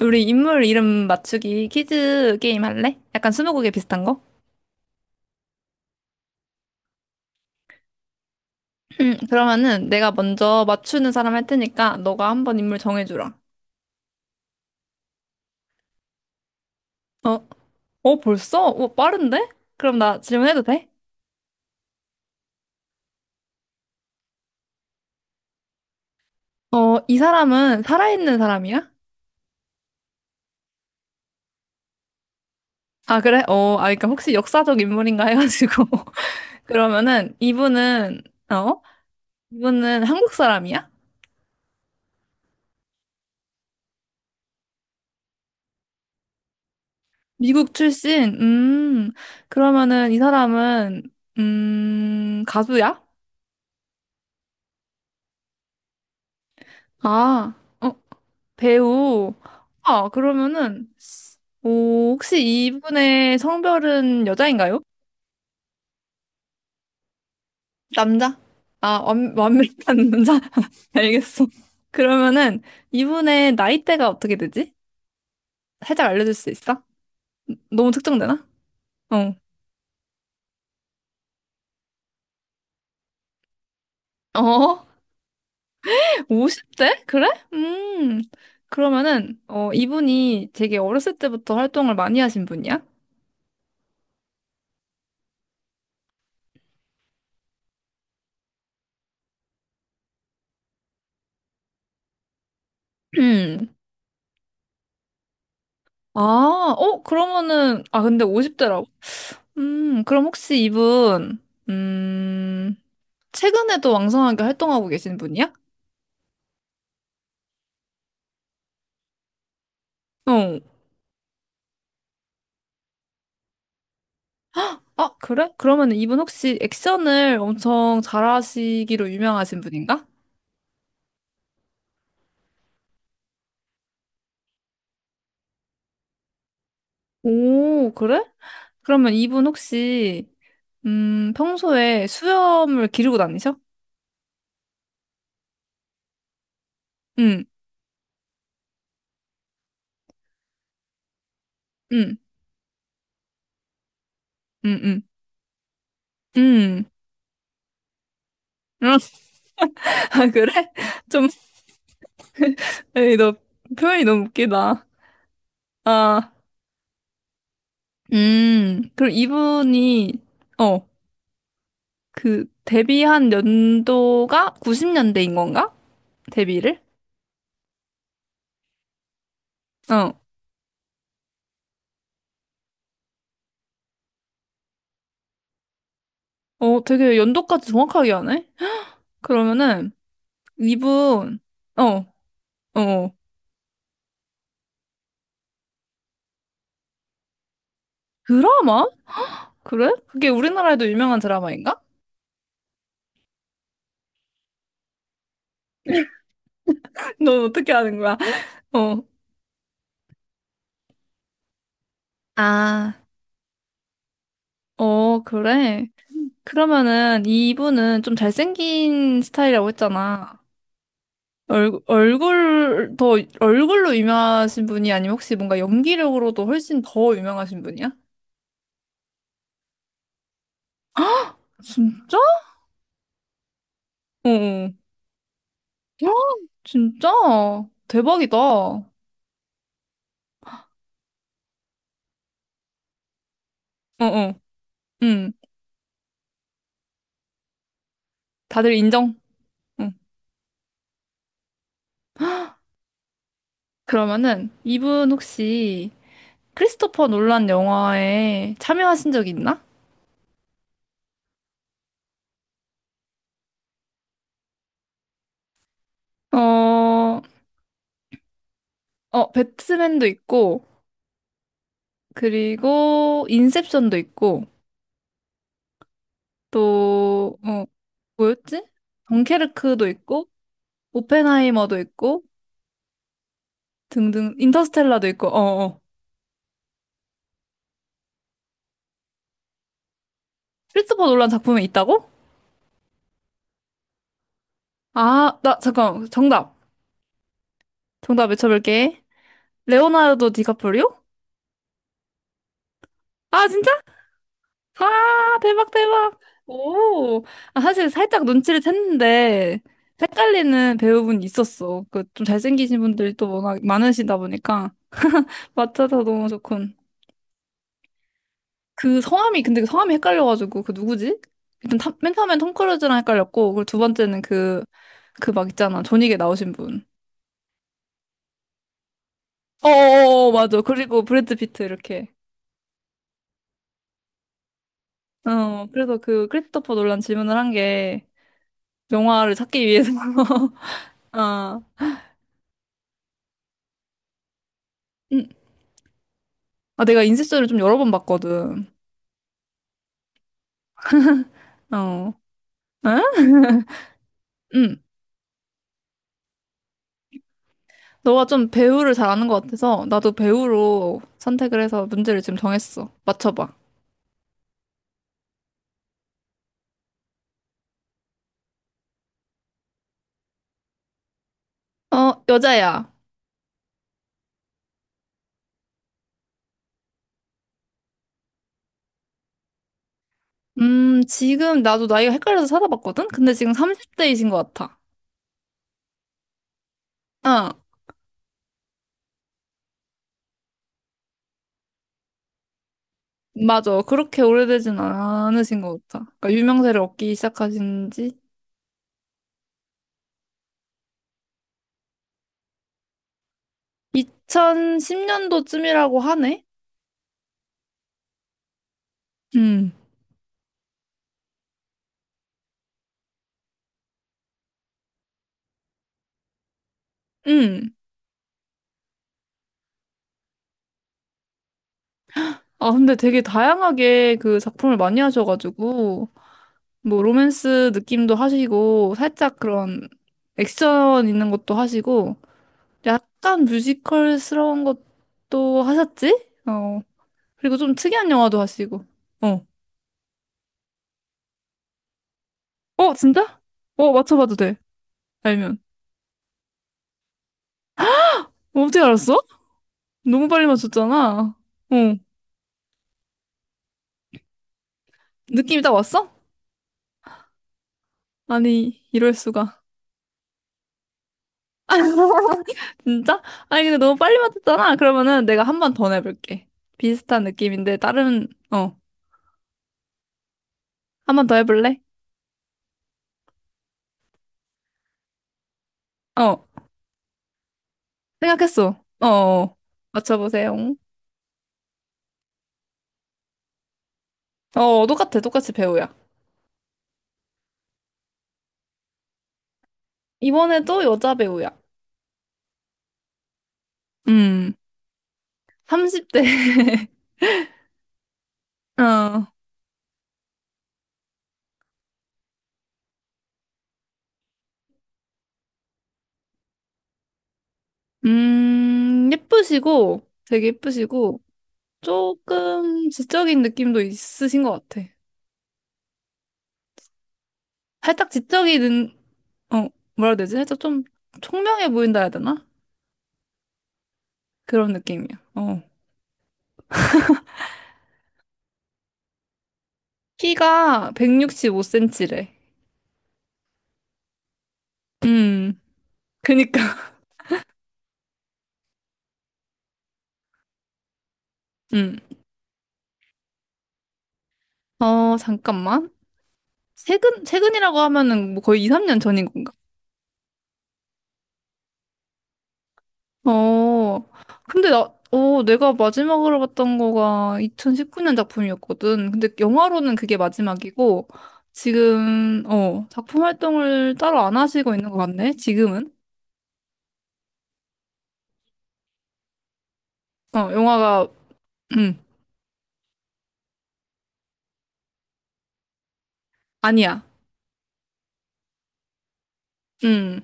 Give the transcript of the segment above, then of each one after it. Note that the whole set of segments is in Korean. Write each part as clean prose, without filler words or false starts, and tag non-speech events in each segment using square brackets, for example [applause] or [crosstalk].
우리 인물 이름 맞추기 퀴즈 게임 할래? 약간 스무고개 비슷한 거? 그러면은 내가 먼저 맞추는 사람 할 테니까 너가 한번 인물 정해주라. 어, 벌써? 빠른데? 그럼 나 질문해도 돼? 이 사람은 살아있는 사람이야? 아, 그래? 아, 그러니까 혹시 역사적 인물인가 해가지고. [laughs] 그러면은 이분은, 어? 이분은 한국 사람이야? 미국 출신? 그러면은 이 사람은, 가수야? 아. 어? 배우. 아, 그러면은, 오, 혹시 이분의 성별은 여자인가요? 남자? 아, 완벽한 남자? [laughs] 알겠어. 그러면은, 이분의 나이대가 어떻게 되지? 살짝 알려줄 수 있어? 너무 특정되나? 어. 어? [laughs] 50대? 그래? 음. 그러면은, 이분이 되게 어렸을 때부터 활동을 많이 하신 분이야? 음. 아, 어, 그러면은, 아, 근데 50대라고? 그럼 혹시 이분, 음, 최근에도 왕성하게 활동하고 계신 분이야? 어. 아, 그래? 그러면 이분 혹시 액션을 엄청 잘하시기로 유명하신 분인가? 오, 그래? 그러면 이분 혹시, 평소에 수염을 기르고 다니셔? 응, 응, 응, 응, 응. 응. [laughs] 아, 그래? [laughs] 좀, [laughs] 에이, 너 표현이 너무 웃기다. 아, 그럼 이분이, 어. 그 데뷔한 연도가 90년대인 건가? 데뷔를? 어. 어, 되게 연도까지 정확하게 하네. 그러면은 이분 어, 어. 어. 드라마? 그래? 그게 우리나라에도 유명한 드라마인가? [laughs] 넌 어떻게 아는 거야? 어. 아. 어, 그래. 그러면은 이분은 좀 잘생긴 스타일이라고 했잖아. 얼굴, 얼굴, 더, 얼굴로 유명하신 분이 아니면 혹시 뭔가 연기력으로도 훨씬 더 유명하신 분이야? 진짜? 어, 어. 헉, 진짜? 대박이다. 어, 어. 응. 다들 인정? 응. 그러면은, 이분 혹시 크리스토퍼 놀란 영화에 참여하신 적 있나? 어, 어, 배트맨도 있고, 그리고 인셉션도 있고, 또, 어, 뭐였지? 덩케르크도 있고, 오펜하이머도 있고, 등등, 인터스텔라도 있고, 어, 어. 크리스토퍼 놀란 작품에 있다고? 아, 나, 잠깐, 정답. 정답 외쳐볼게. 레오나르도 디카프리오? 아, 진짜? 아, 대박, 대박. 오. 아, 사실 살짝 눈치를 챘는데, 헷갈리는 배우분 있었어. 그, 좀 잘생기신 분들이 또 워낙 많으시다 보니까. 맞춰서 너무 좋군. 그 성함이, 근데 그 성함이 헷갈려가지고, 그 누구지? 맨 처음엔 톰 크루즈랑 헷갈렸고, 그리고 두 번째는 그, 그 막 있잖아. 존윅에 나오신 분. 어어어, 맞아. 그리고 브래드 피트, 이렇게. 어, 그래서 그 크리스토퍼 놀란 질문을 한 게, 영화를 찾기 위해서 [laughs] 아, 음. 아, 내가 인셉션을 좀 여러 번 봤거든. 어, 응? 응. 너가 좀 배우를 잘 아는 것 같아서 나도 배우로 선택을 해서 문제를 지금 정했어. 맞춰봐. 어, 여자야. 지금 나도 나이가 헷갈려서 찾아봤거든? 근데 지금 30대이신 것 같아. 어, 맞아. 그렇게 오래되진 않으신 것 같아. 그러니까 유명세를 얻기 시작하신 지 2010년도쯤이라고 하네? 음, 음. 아, 근데 되게 다양하게 그 작품을 많이 하셔가지고, 뭐 로맨스 느낌도 하시고 살짝 그런 액션 있는 것도 하시고 약간 뮤지컬스러운 것도 하셨지? 어 그리고 좀 특이한 영화도 하시고 어 어 진짜? 어 맞춰봐도 돼 알면 어, 어떻게 알았어? 너무 빨리 맞췄잖아 어 느낌이 딱 왔어? 아니 이럴 수가 [laughs] 진짜? 아니 근데 너무 빨리 맞췄잖아 그러면은 내가 한 번 더 내볼게 비슷한 느낌인데 다른 어 한 번 더 해볼래? 어 생각했어. 어, 어. 맞춰보세요. 어, 똑같아. 똑같이 배우야. 이번에도 여자 배우야. 음, 30대. [laughs] 어, 되게 예쁘시고, 조금 지적인 느낌도 있으신 것 같아. 살짝 지적인, 어, 뭐라 해야 되지? 살짝 좀 총명해 보인다 해야 되나? 그런 느낌이야. 어. 키가 165 cm래. 음, 그니까. [laughs] 음. 어, 잠깐만. 최근, 최근이라고 하면은 뭐 거의 2, 3년 전인 건가? 어, 근데 나, 어, 내가 마지막으로 봤던 거가 2019년 작품이었거든. 근데 영화로는 그게 마지막이고, 지금, 어, 작품 활동을 따로 안 하시고 있는 것 같네, 지금은. 어, 영화가, 음, 아니야. 음,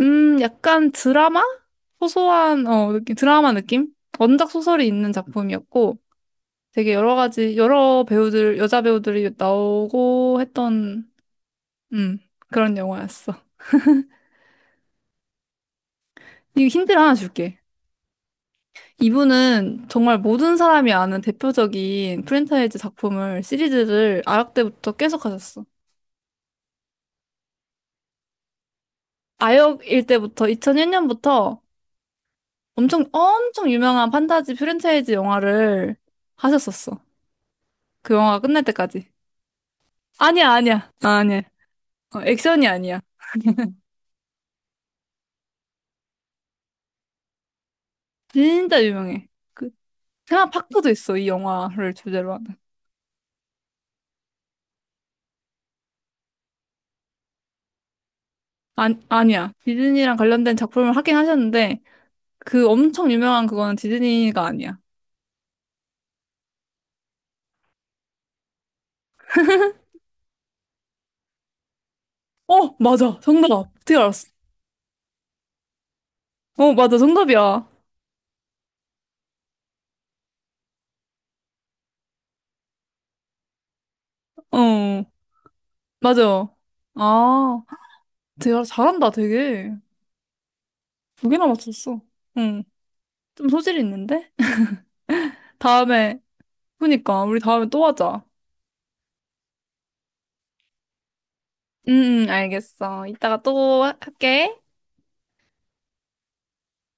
약간 드라마? 소소한, 어, 느낌, 드라마 느낌? 원작 소설이 있는 작품이었고, 되게 여러 가지, 여러 배우들, 여자 배우들이 나오고 했던 음, 그런 영화였어. 이거 힌트를 하나 줄게. 이분은 정말 모든 사람이 아는 대표적인 프랜차이즈 작품을 시리즈를 아역 때부터 계속 하셨어. 아역일 때부터 2001년부터 엄청 엄청 유명한 판타지 프랜차이즈 영화를 하셨었어. 그 영화가 끝날 때까지. 아니야, 아니야. 아, 아니야. 어, 액션이 아니야. 진짜 유명해. 그 테마 파크도 있어, 이 영화를 주제로 하는. 아, 아니야. 디즈니랑 관련된 작품을 하긴 하셨는데 그 엄청 유명한 그거는 디즈니가 아니야. 어, 맞아. 정답. 어떻게 알았어? 어, 맞아. 정답이야. 어, 맞아. 아, 되게 잘한다, 되게. 두 개나 맞췄어. 응. 좀 소질이 있는데? [laughs] 다음에, 그니까, 우리 다음에 또 하자. 응, 응, 알겠어. 이따가 또 할게.